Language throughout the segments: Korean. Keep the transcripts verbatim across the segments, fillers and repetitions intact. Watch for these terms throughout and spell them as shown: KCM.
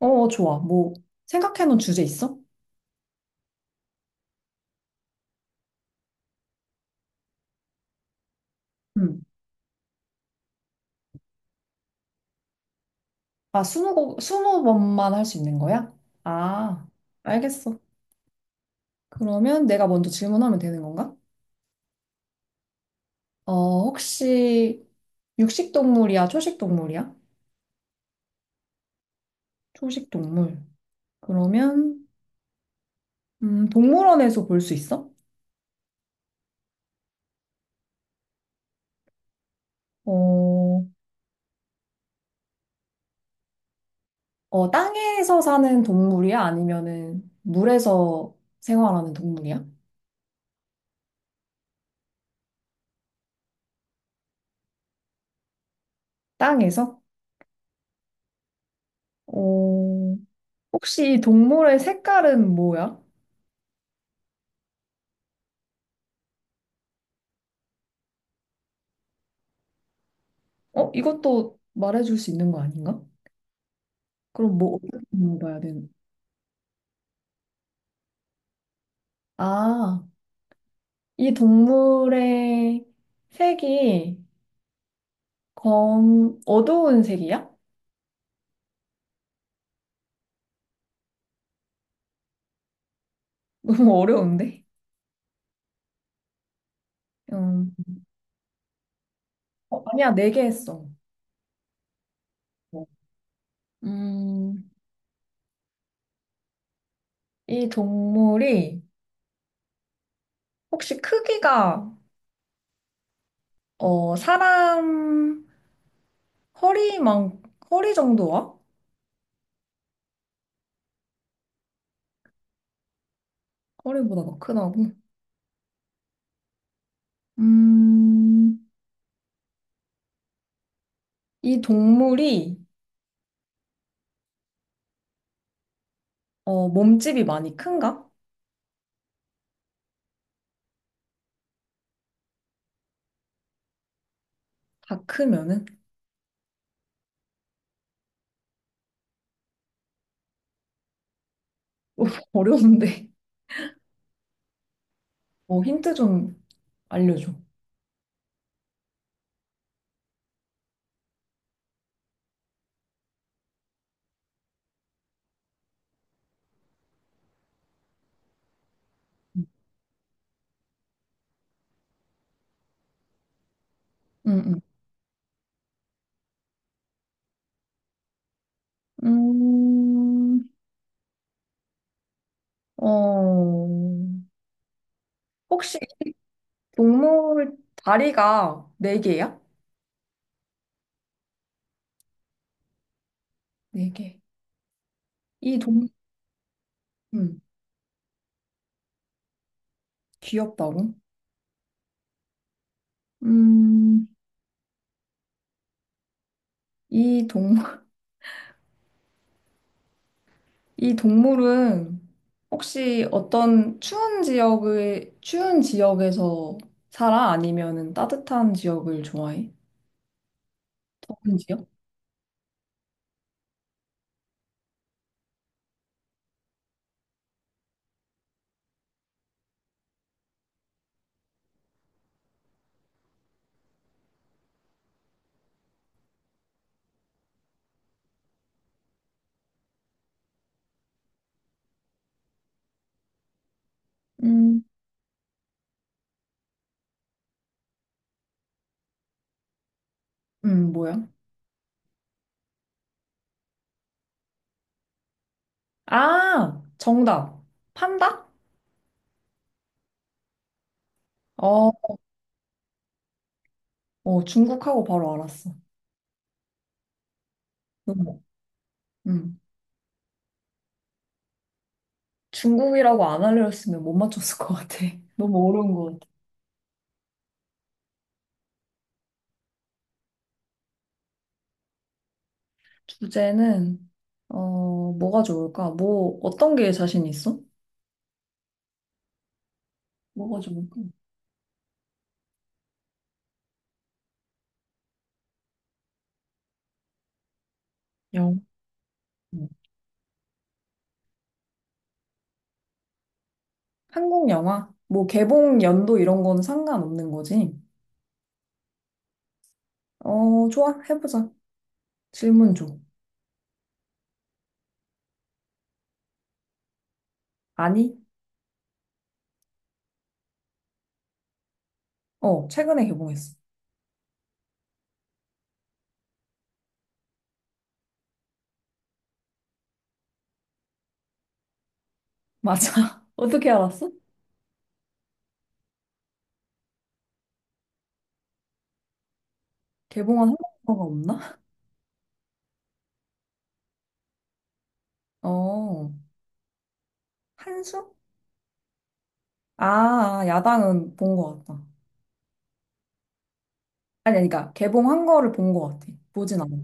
어, 좋아. 뭐, 생각해놓은 주제 있어? 응. 아, 스무 곡, 스무 번만 할 수 있는 거야? 아, 알겠어. 그러면 내가 먼저 질문하면 되는 건가? 어, 혹시 육식 동물이야? 초식 동물이야? 초식 동물. 그러면, 음, 동물원에서 볼 수 있어? 어, 어, 땅에서 사는 동물이야? 아니면은 물에서 생활하는 동물이야? 땅에서? 어, 혹시 이 동물의 색깔은 뭐야? 어, 이것도 말해줄 수 있는 거 아닌가? 그럼 뭐 어떻게 물어봐야 되는? 아, 이 동물의 색이 검 어두운 색이야? 너무 어려운데? 음, 어, 아니야, 네 개 했어. 음, 이 동물이 혹시 크기가 어 사람 허리만 허리 정도와 허리보다 더 크다고? 음, 이 동물이 어 몸집이 많이 큰가? 다 크면은? 어, 어려운데. 어, 힌트 좀 알려줘. 응, 응. 음, 어, 혹시 동물 다리가 네 개야? 네 개. 이 동, 음, 귀엽다고? 음, 이 동, 이 동물은 혹시 어떤 추운 지역을, 추운 지역에서 살아? 아니면은 따뜻한 지역을 좋아해? 더운 지역? 음, 음, 뭐야? 아, 정답. 판다? 어, 어, 중국하고 바로 알았어. 너무, 음. 중국이라고 안 알려줬으면 못 맞췄을 것 같아. 너무 어려운 것 같아. 주제는, 어, 뭐가 좋을까? 뭐, 어떤 게 자신 있어? 뭐가 좋을까? 영화. 음. 한국 영화? 뭐, 개봉 연도 이런 거는 상관없는 거지. 어, 좋아. 해보자. 질문 줘. 아니? 어, 최근에 개봉했어. 맞아. 어떻게 알았어? 개봉한 한국 영화가 없나? 어. 한수? 아, 아, 야당은 본 것 같다. 아니, 아니, 그러니까 개봉한 거를 본 것 같아. 보진 않아.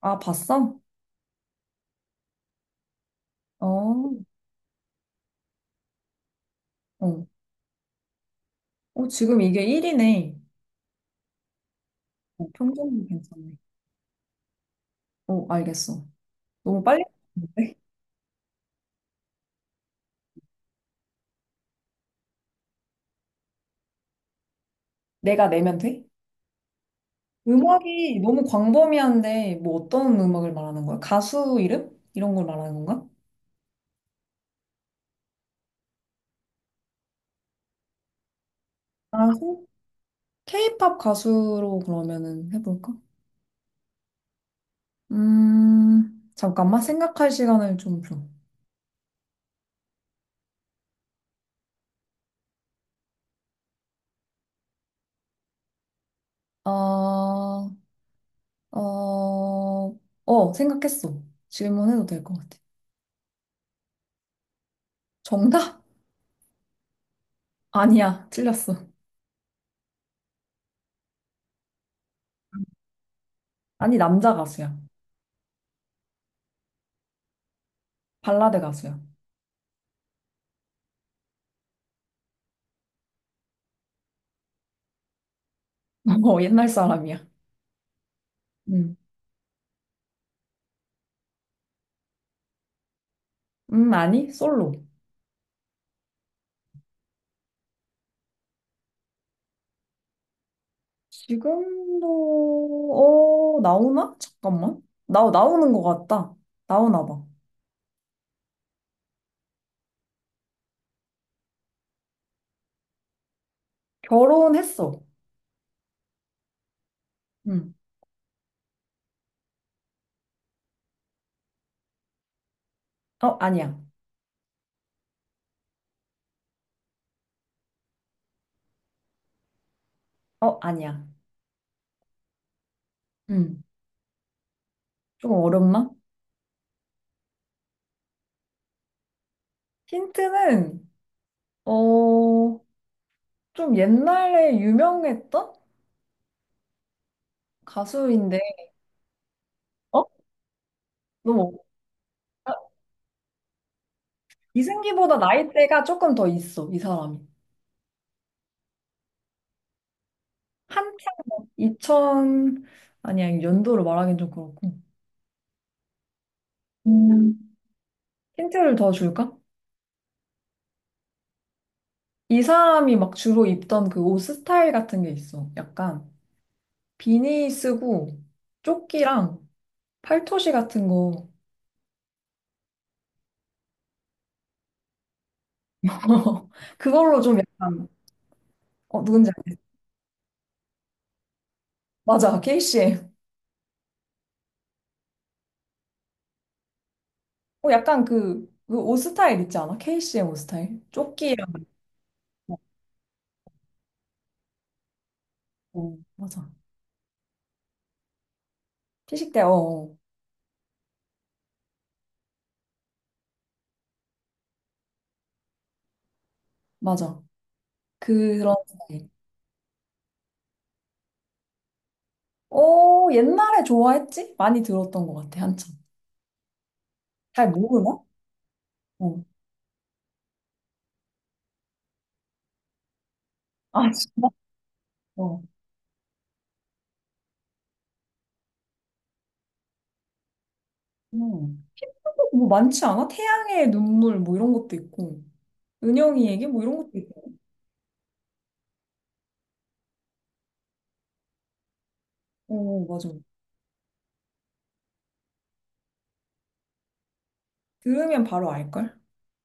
아, 봤어? 어, 어. 어, 지금 이게 일 위네. 평점이 괜찮네. 어, 알겠어. 너무 빨리 봤는데? 내가 내면 돼? 음악이 너무 광범위한데, 뭐 어떤 음악을 말하는 거야? 가수 이름? 이런 걸 말하는 건가? 가수? K-pop 가수로 그러면은 해볼까? 음, 잠깐만 생각할 시간을 좀 줘. 어, 어, 어, 생각했어. 질문해도 될 것 같아. 정답? 아니야, 틀렸어. 아니, 남자 가수야. 발라드 가수야. 어, 옛날 사람이야. 음, 음, 아니, 솔로. 지금도, 어, 나오나? 잠깐만. 나, 나오는 것 같다. 나오나 봐. 결혼했어. 음, 어, 아니야. 어, 아니야. 음, 좀 어렵나? 힌트는, 어, 좀 옛날에 유명했던 가수인데, 어? 너무 어- 이승기보다 나이대가 조금 더 있어, 이 사람이. 한창 막 이천, 아니야, 연도를 말하긴 좀 그렇고. 음. 힌트를 더 줄까? 이 사람이 막 주로 입던 그 옷 스타일 같은 게 있어. 약간 비니 쓰고 조끼랑 팔토시 같은 거. 그걸로 좀 약간, 어, 누군지 알겠 맞아, 케이씨엠. 어, 약간 그, 그옷 스타일 있지 않아? 케이씨엠 옷 스타일? 조끼랑. 어, 어, 맞아. 피식대, 어, 어. 맞아. 그런 스타일. 어, 옛날에 좋아했지? 많이 들었던 것 같아, 한참. 잘 모르나? 어. 아, 진짜? 어. 음. 뭐 많지 않아? 태양의 눈물 뭐 이런 것도 있고. 은영이에게 뭐 이런 것도 있고. 어, 맞아. 들으면 바로 알걸?